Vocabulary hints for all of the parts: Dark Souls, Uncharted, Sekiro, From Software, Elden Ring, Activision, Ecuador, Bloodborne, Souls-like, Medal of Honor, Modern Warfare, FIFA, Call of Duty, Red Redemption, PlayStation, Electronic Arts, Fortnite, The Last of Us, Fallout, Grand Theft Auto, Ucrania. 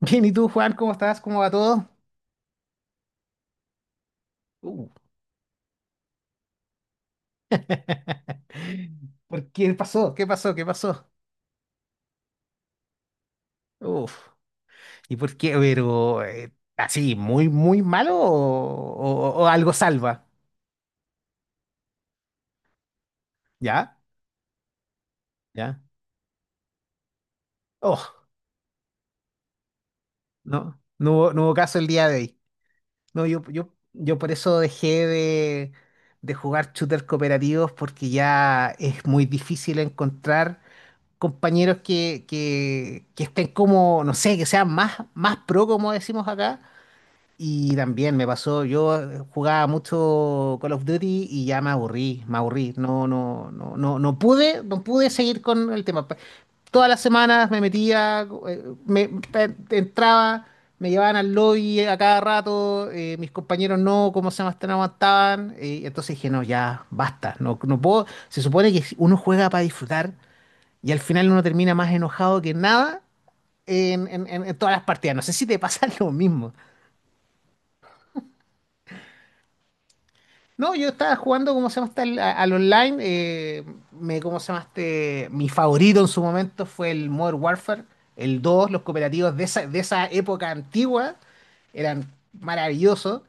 Bien, ¿y tú, Juan? ¿Cómo estás? ¿Cómo va todo? Uh. ¿Por qué pasó? ¿Qué pasó? ¿Qué pasó? Uf. ¿Y por qué? Pero, así, muy, muy malo o algo salva. ¿Ya? ¿Ya? Oh, no, no hubo caso el día de hoy. No, yo por eso dejé de jugar shooters cooperativos porque ya es muy difícil encontrar compañeros que estén como, no sé, que sean más pro, como decimos acá. Y también me pasó, yo jugaba mucho Call of Duty y ya me aburrí, me aburrí. No, no, no, no, no pude seguir con el tema. Todas las semanas me metía, entraba, me llevaban al lobby a cada rato, mis compañeros no, cómo se llama, no aguantaban. Entonces dije, no, ya, basta, no, no puedo. Se supone que si uno juega para disfrutar y al final uno termina más enojado que nada en todas las partidas. No sé si te pasa lo mismo. No, yo estaba jugando, ¿cómo se llama? ¿Este? Al online. ¿Cómo se llama? ¿Este? Mi favorito en su momento fue el Modern Warfare, el dos los cooperativos de esa época antigua eran maravillosos.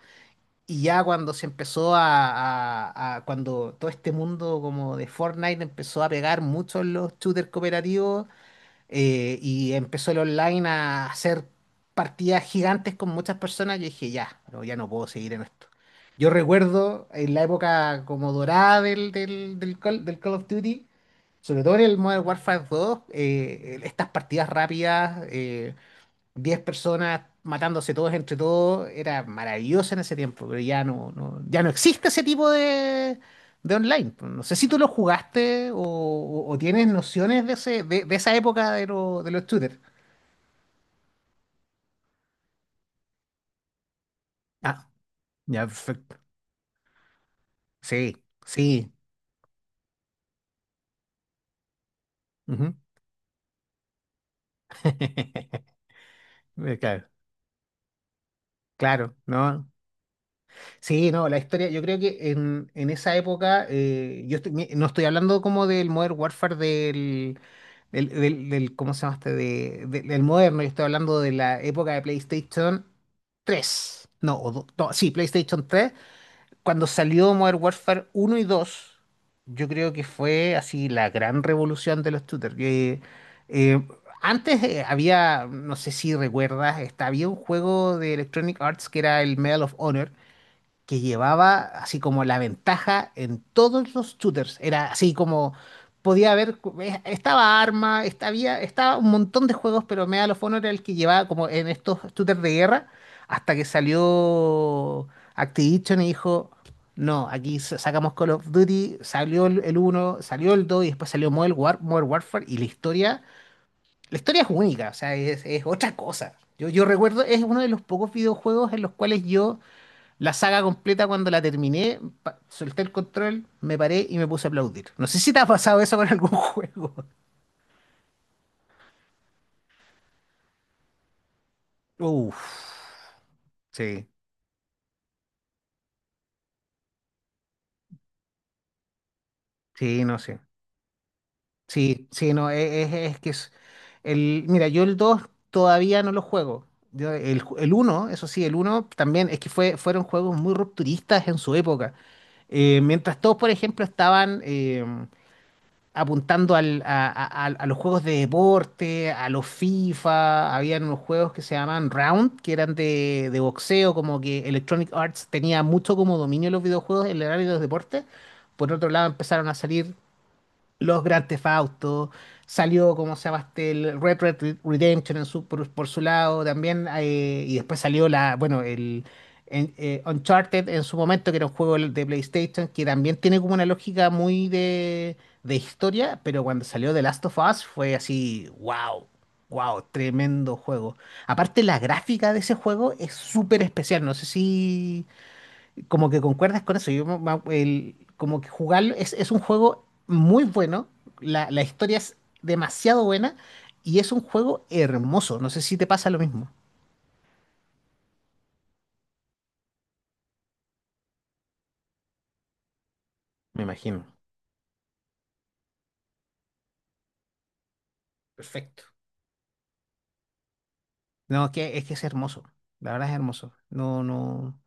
Y ya cuando se empezó cuando todo este mundo como de Fortnite empezó a pegar mucho en los shooters cooperativos, y empezó el online a hacer partidas gigantes con muchas personas, yo dije, ya, no, ya no puedo seguir en esto. Yo recuerdo en la época como dorada del Call of Duty, sobre todo en el Modern Warfare dos estas partidas rápidas. 10 personas matándose todos entre todos, era maravilloso en ese tiempo, pero ya no, ya no existe ese tipo de online. No sé si tú lo jugaste o tienes nociones de esa época de los shooters. Ah, ya, perfecto. Sí, sí. Ujú. Claro, claro, ¿no? Sí, no, la historia, yo creo que en esa época, no estoy hablando como del Modern Warfare ¿cómo se llama este? Del moderno, yo estoy hablando de la época de PlayStation tres, no, no, sí, PlayStation tres. Cuando salió Modern Warfare uno y 2, yo creo que fue así la gran revolución de los shooters. Que, eh, antes había, no sé si recuerdas, había un juego de Electronic Arts que era el Medal of Honor que llevaba así como la ventaja en todos los shooters. Era así como podía haber, estaba Arma, había, estaba un montón de juegos, pero Medal of Honor era el que llevaba como en estos shooters de guerra, hasta que salió Activision y dijo, no, aquí sacamos Call of Duty, salió el uno, salió el 2 y después salió Modern Warfare y la historia es única, o sea, es otra cosa. Yo recuerdo, es uno de los pocos videojuegos en los cuales yo la saga completa, cuando la terminé, solté el control, me paré y me puse a aplaudir. No sé si te ha pasado eso con algún juego. Uf, sí, sí, no sé. Sí, sí, no, es que es. Mira, yo el 2 todavía no lo juego. El uno eso sí, el uno también es que fueron juegos muy rupturistas en su época. Mientras todos, por ejemplo, estaban, apuntando a los juegos de deporte, a los FIFA, habían unos juegos que se llamaban Round, que eran de boxeo, como que Electronic Arts tenía mucho como dominio de los videojuegos en el área de los deportes. Por otro lado, empezaron a salir los Grand Theft Auto, salió como se llama este, el Red Redemption en su, por su lado también, y después salió bueno, el Uncharted en su momento, que era un juego de PlayStation, que también tiene como una lógica muy de historia, pero cuando salió The Last of Us fue así, wow. Wow, tremendo juego. Aparte, la gráfica de ese juego es súper especial. No sé si, como que concuerdas con eso. Yo, me- me- el- como que jugarlo es un juego muy bueno, la historia es demasiado buena y es un juego hermoso. No sé si te pasa lo mismo. Me imagino. Perfecto. No, es que es hermoso. La verdad es hermoso. No, no,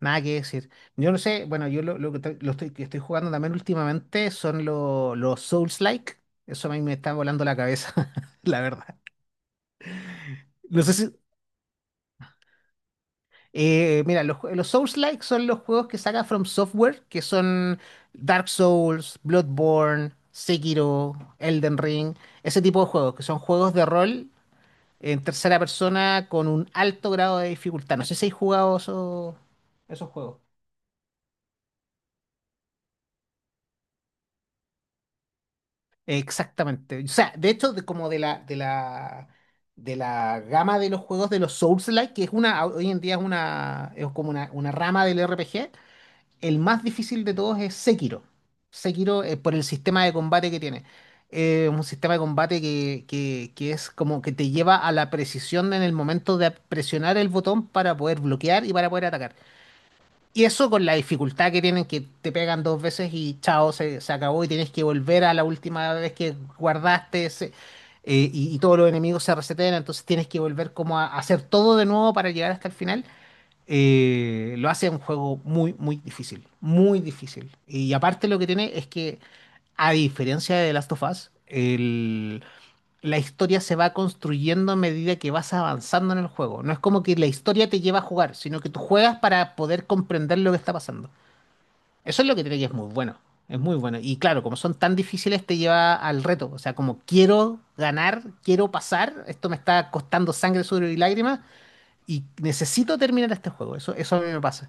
nada que decir. Yo no sé, bueno, yo lo que, tra- lo estoy, que estoy jugando también últimamente son los Souls-like. Eso a mí me está volando la cabeza, la verdad. No sé si, mira, los Souls-like son los juegos que saca From Software, que son Dark Souls, Bloodborne, Sekiro, Elden Ring, ese tipo de juegos, que son juegos de rol en tercera persona con un alto grado de dificultad. No sé si hay jugado esos juegos. Exactamente. O sea, de hecho, como de la gama de los juegos de los Souls-like, que es una, hoy en día es una, es como una rama del RPG. El más difícil de todos es Sekiro. Sekiro, por el sistema de combate que tiene. Un sistema de combate que es como que te lleva a la precisión en el momento de presionar el botón para poder bloquear y para poder atacar. Y eso con la dificultad que tienen, que te pegan dos veces y chao, se acabó y tienes que volver a la última vez que guardaste ese, y todos los enemigos se resetean, entonces tienes que volver como a hacer todo de nuevo para llegar hasta el final lo hace un juego muy, muy difícil, muy difícil. Y aparte lo que tiene es que, a diferencia de The Last of Us, la historia se va construyendo a medida que vas avanzando en el juego. No es como que la historia te lleva a jugar, sino que tú juegas para poder comprender lo que está pasando. Eso es lo que tiene que es muy bueno. Es muy bueno. Y claro, como son tan difíciles, te lleva al reto. O sea, como quiero ganar, quiero pasar, esto me está costando sangre, sudor y lágrimas, y necesito terminar este juego. Eso a mí me pasa.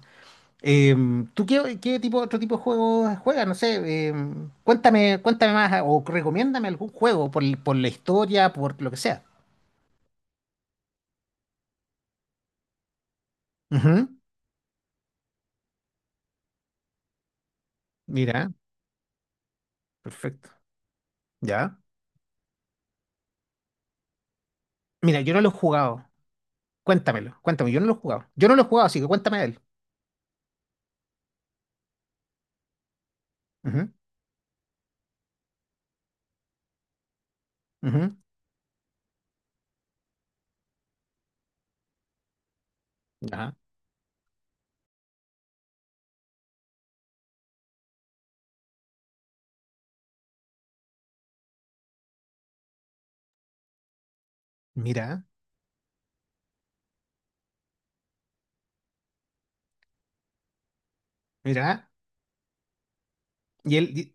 ¿Tú otro tipo de juegos juegas? No sé, cuéntame más o recomiéndame algún juego por la historia, por lo que sea. Ujú, mira, perfecto. Ya. Mira, yo no lo he jugado. Cuéntamelo, cuéntame, yo no lo he jugado. Yo no lo he jugado, así que cuéntame de él. Ujú, ujú, ya. Mira, mira. Y él, y-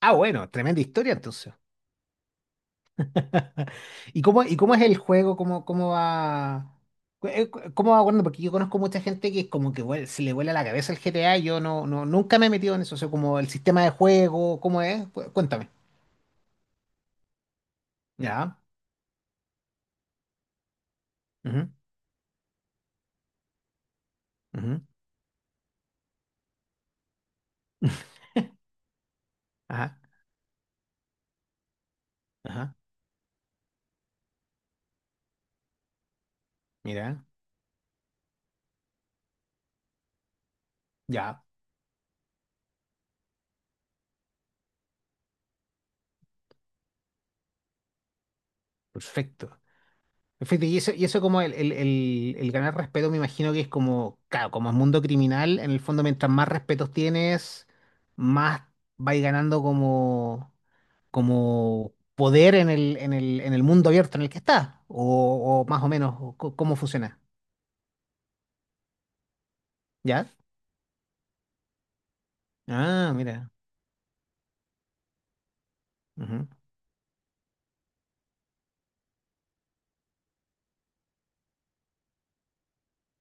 ah, bueno, tremenda historia entonces. ¿Y cómo es el juego? ¿Cómo va? ¿Cómo va bueno? Porque yo conozco mucha gente que es como que se le vuela la cabeza el GTA. Y yo no, no, nunca me he metido en eso. O sea, como el sistema de juego, ¿cómo es? Cuéntame. Ya. Ujú, ujú. Ajá, ajá, mira, ya, perfecto. Perfecto, y eso como el ganar respeto, me imagino que es como, claro, como es mundo criminal, en el fondo mientras más respetos tienes, más vais ganando como poder en el mundo abierto en el que está, o más o menos o cómo funciona, ¿ya? Ah, mira. Ujú.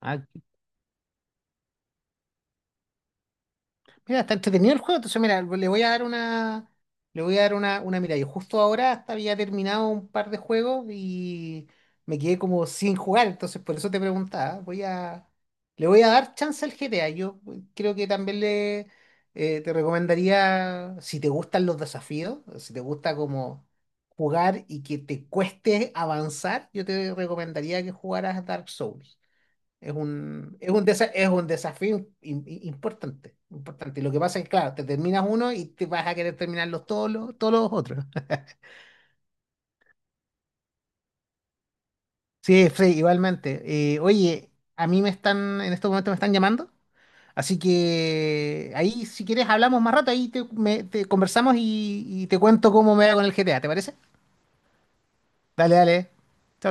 Ah, mira, está entretenido el juego, entonces mira, le voy a dar una, mirada. Yo justo ahora hasta había terminado un par de juegos y me quedé como sin jugar, entonces por eso te preguntaba. Le voy a dar chance al GTA. Yo creo que también le te recomendaría, si te gustan los desafíos, si te gusta como jugar y que te cueste avanzar, yo te recomendaría que jugaras Dark Souls. Es un desafío importante, importante. Y lo que pasa es, que, claro, te terminas uno y te vas a querer terminar todos los otros. Sí, Frey, igualmente. Oye, a mí en estos momentos me están llamando, así que ahí si quieres hablamos más rato, ahí te conversamos y te cuento cómo me va con el GTA, ¿te parece? Dale, dale. Chao,